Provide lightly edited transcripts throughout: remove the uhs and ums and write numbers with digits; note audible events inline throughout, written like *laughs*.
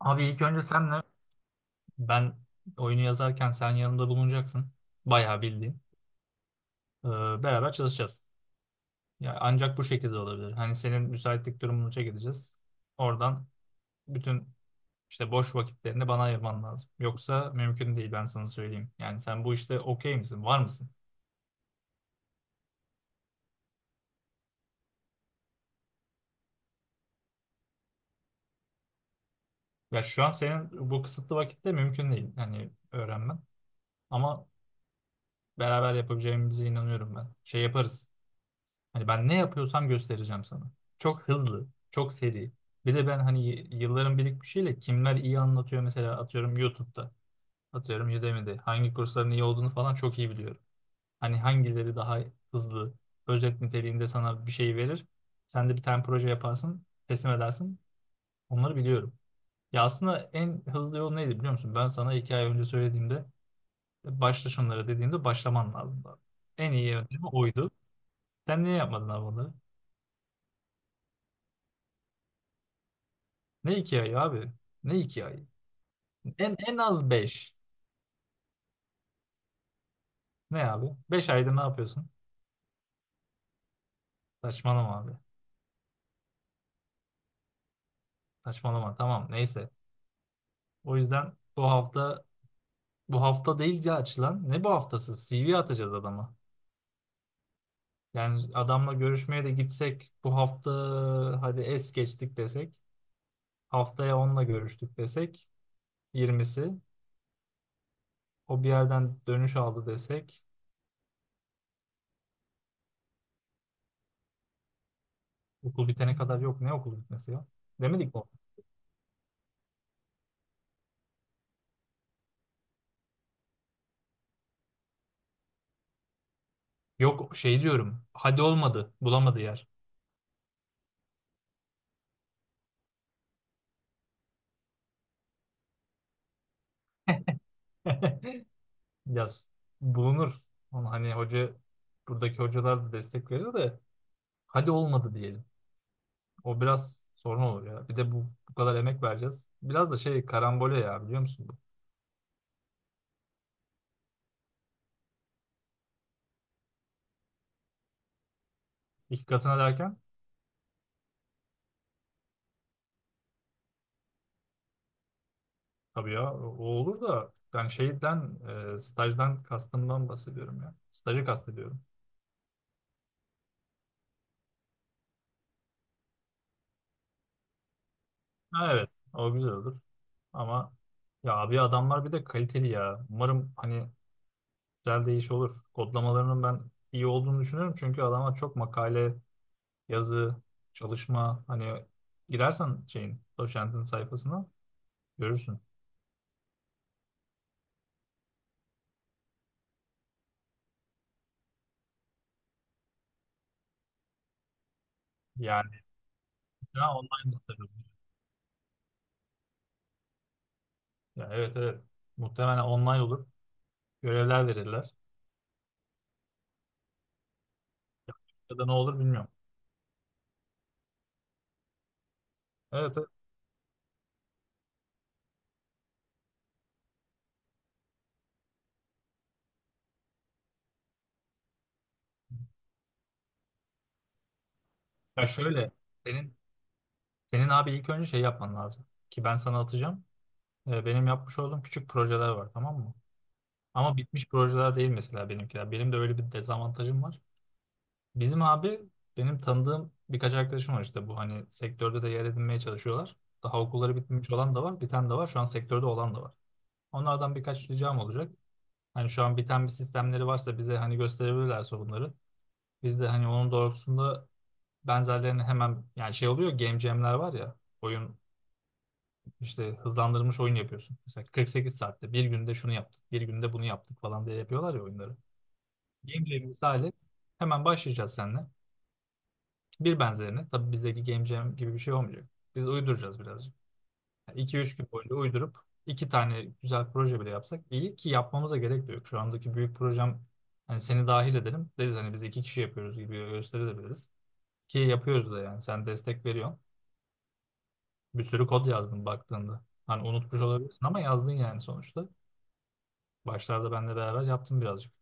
Abi ilk önce senle ben oyunu yazarken sen yanımda bulunacaksın. Bayağı bildiğin. Ee, Beraber çalışacağız. Ya ancak bu şekilde olabilir. Hani senin müsaitlik durumunu çekeceğiz. Oradan bütün işte boş vakitlerini bana ayırman lazım. Yoksa mümkün değil ben sana söyleyeyim. Yani sen bu işte okey misin? Var mısın? Ya şu an senin bu kısıtlı vakitte mümkün değil. Hani öğrenmen. Ama beraber yapabileceğimize inanıyorum ben. Şey yaparız. Hani ben ne yapıyorsam göstereceğim sana. Çok hızlı, çok seri. Bir de ben hani yılların birikmişiyle kimler iyi anlatıyor mesela atıyorum YouTube'da, atıyorum Udemy'de hangi kursların iyi olduğunu falan çok iyi biliyorum. Hani hangileri daha hızlı, özet niteliğinde sana bir şey verir. Sen de bir tane proje yaparsın, teslim edersin. Onları biliyorum. Ya aslında en hızlı yol neydi biliyor musun? Ben sana 2 ay önce söylediğimde başla şunlara dediğimde başlaman lazım. En iyi yöntemi oydu. Sen niye yapmadın abi bunları? Ne 2 ayı abi? Ne iki ay? En az beş. Ne abi? 5 ayda ne yapıyorsun? Saçmalama abi. Saçmalama tamam neyse. O yüzden bu hafta, bu hafta değil ya açılan. Ne bu haftası? CV atacağız adama. Yani adamla görüşmeye de gitsek bu hafta hadi es geçtik desek. Haftaya onunla görüştük desek. Yirmisi. O bir yerden dönüş aldı desek. Okul bitene kadar yok. Ne okul bitmesi ya? Demedik mi? Yok şey diyorum. Hadi olmadı. Bulamadı yer. *laughs* Ya bulunur. Onu hani hoca buradaki hocalar da destek verir de hadi olmadı diyelim. O biraz sorun olur ya. Bir de bu kadar emek vereceğiz. Biraz da şey karambole ya biliyor musun bu? 2 katına derken tabii ya o olur da ben şeyden stajdan kastımdan bahsediyorum ya. Stajı kastediyorum. Ha, evet o güzel olur ama ya abi adamlar bir de kaliteli ya. Umarım hani güzel değiş olur. Kodlamalarının ben iyi olduğunu düşünüyorum çünkü adamlar çok makale yazı, çalışma hani girersen şeyin doçentin sayfasına görürsün. Yani ha, online de tabii. Ya evet evet. Muhtemelen online olur. Görevler verirler. Ya da ne olur bilmiyorum. Evet evet. Ya şöyle senin senin abi ilk önce şey yapman lazım. Ki ben sana atacağım. Benim yapmış olduğum küçük projeler var tamam mı? Ama bitmiş projeler değil mesela benimkiler. Benim de öyle bir dezavantajım var. Bizim abi benim tanıdığım birkaç arkadaşım var işte bu hani sektörde de yer edinmeye çalışıyorlar. Daha okulları bitmemiş olan da var, biten de var. Şu an sektörde olan da var. Onlardan birkaç ricam olacak. Hani şu an biten bir sistemleri varsa bize hani gösterebilirlerse bunları. Biz de hani onun doğrultusunda benzerlerini hemen yani şey oluyor game jam'ler var ya oyun işte hızlandırılmış oyun yapıyorsun. Mesela 48 saatte bir günde şunu yaptık, bir günde bunu yaptık falan diye yapıyorlar ya oyunları. Game jam misali hemen başlayacağız seninle. Bir benzerini. Tabii bizdeki game jam gibi bir şey olmayacak. Biz uyduracağız birazcık. 2 üç gün boyunca uydurup 2 tane güzel proje bile yapsak iyi ki yapmamıza gerek de yok. Şu andaki büyük projem hani seni dahil edelim. Deriz hani biz 2 kişi yapıyoruz gibi gösterebiliriz. Ki yapıyoruz da yani. Sen destek veriyorsun. Bir sürü kod yazdın baktığında. Hani unutmuş olabilirsin ama yazdın yani sonuçta. Başlarda benle beraber yaptım birazcık.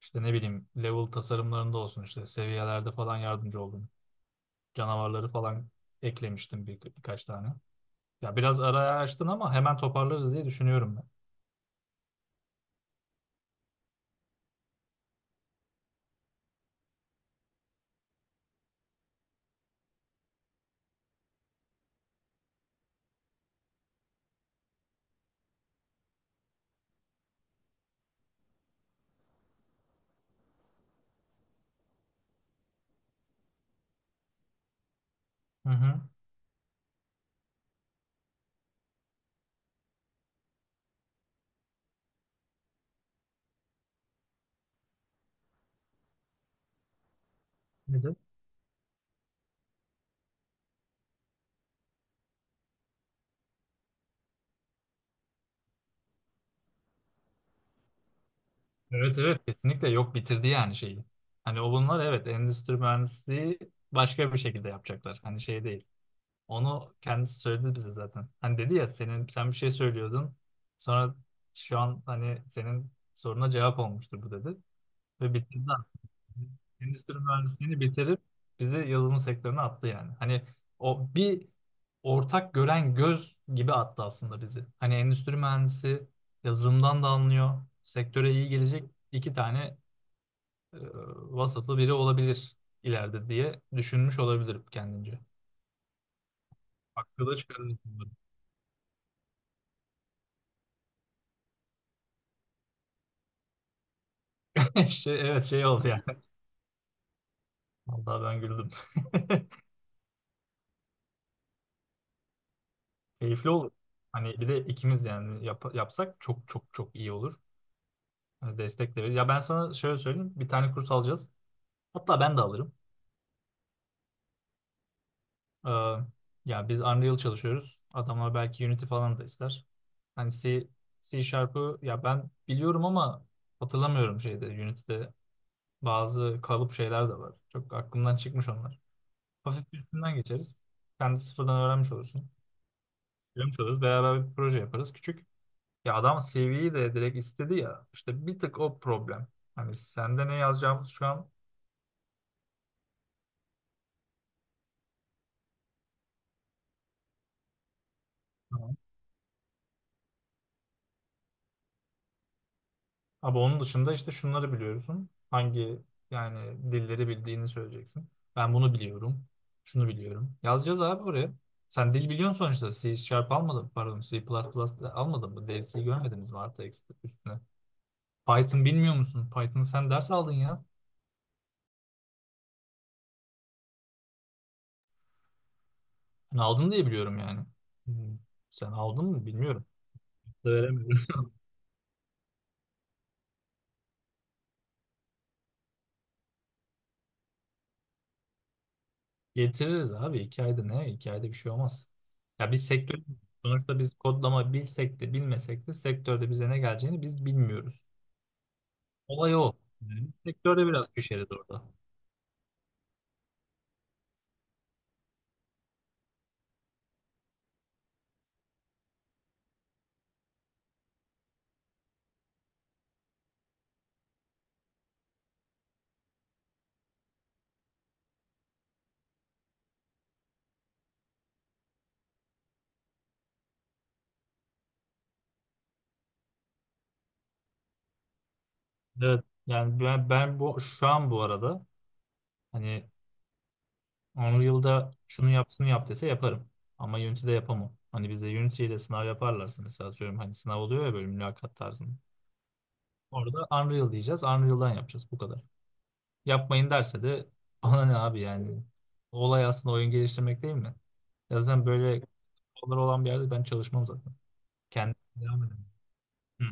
İşte ne bileyim level tasarımlarında olsun işte seviyelerde falan yardımcı oldum. Canavarları falan eklemiştim birkaç tane. Ya biraz araya açtın ama hemen toparlarız diye düşünüyorum ben. Hı hı. Hı-hı. Evet evet kesinlikle yok bitirdi yani şeyi. Hani o bunlar evet endüstri mühendisliği başka bir şekilde yapacaklar. Hani şey değil. Onu kendisi söyledi bize zaten. Hani dedi ya senin sen bir şey söylüyordun. Sonra şu an hani senin soruna cevap olmuştur bu dedi. Ve bitirdi endüstri mühendisliğini bitirip bizi yazılım sektörüne attı yani. Hani o bir ortak gören göz gibi attı aslında bizi. Hani endüstri mühendisi yazılımdan da anlıyor. Sektöre iyi gelecek 2 tane e, vasıflı biri olabilir ileride diye düşünmüş olabilirim kendince. Hakkı da çıkarırız bunları. *laughs* Şey, evet şey oldu yani. Vallahi ben güldüm. *laughs* Keyifli olur. Hani bir de ikimiz yani yapsak çok çok çok iyi olur. Yani destek de veririz. Ya ben sana şöyle söyleyeyim. Bir tane kurs alacağız. Hatta ben de alırım. Ee, Ya biz Unreal çalışıyoruz. Adamlar belki Unity falan da ister. Hani C Sharp'ı ya ben biliyorum ama hatırlamıyorum şeyde Unity'de bazı kalıp şeyler de var. Çok aklımdan çıkmış onlar. Hafif bir üstünden geçeriz. Sen de sıfırdan öğrenmiş olursun. Öğrenmiş oluruz. Beraber bir proje yaparız. Küçük. Ya adam CV'yi de direkt istedi ya. İşte bir tık o problem. Hani sende ne yazacağımız şu an. Abi onun dışında işte şunları biliyorsun. Hangi yani dilleri bildiğini söyleyeceksin. Ben bunu biliyorum. Şunu biliyorum. Yazacağız abi buraya. Sen dil biliyorsun sonuçta. C Sharp almadın pardon C++ de almadın mı? Dev C görmediniz mi artı eksi üstüne? Python bilmiyor musun? Python sen ders aldın ya. Ben aldın diye biliyorum yani. Hmm. Sen aldın mı bilmiyorum. Da veremedim. Getiririz abi. 2 ayda ne? 2 ayda bir şey olmaz. Ya biz sektör sonuçta biz kodlama bilsek de bilmesek de sektörde bize ne geleceğini biz bilmiyoruz. Olay o. Yani biz sektörde biraz köşeliz orada. Evet. Yani ben bu şu an bu arada hani Unreal'da şunu yap şunu yap dese yaparım. Ama Unity'de yapamam. Hani bize Unity ile sınav yaparlarsa mesela atıyorum hani sınav oluyor ya böyle mülakat tarzında. Orada Unreal diyeceğiz. Unreal'dan yapacağız. Bu kadar. Yapmayın derse de bana ne abi yani. Olay aslında oyun geliştirmek değil mi? Ya zaten böyle konular olan bir yerde ben çalışmam zaten. Kendim devam ederim. Hı.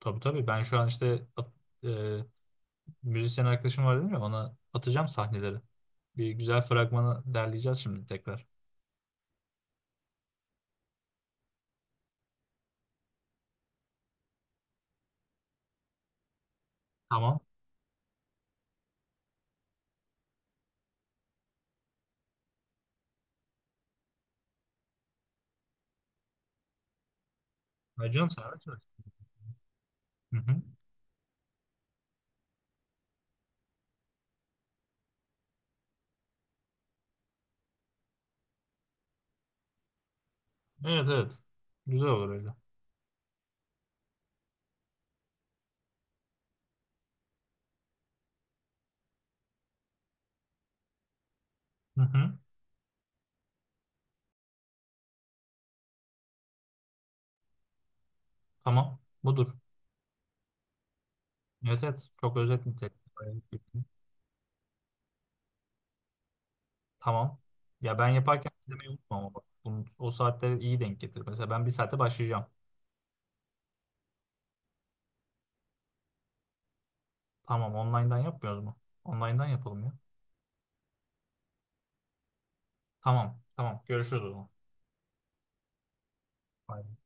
Tabii tabii ben şu an işte e, müzisyen arkadaşım var dedim ya ona atacağım sahneleri. Bir güzel fragmanı derleyeceğiz şimdi tekrar. Tamam. Ay canım sen araç mısın? Hı hı. Evet evet. Güzel olur öyle. Hı hı. Tamam. Budur. Evet evet. Çok özet nitelikli. Tamam. Ya ben yaparken izlemeyi unutma ama bak. Bunu, o saatleri iyi denk getir. Mesela ben 1 saate başlayacağım. Tamam online'dan yapmıyoruz mu? Online'dan yapalım ya. Tamam. Tamam. Görüşürüz o zaman. Bye.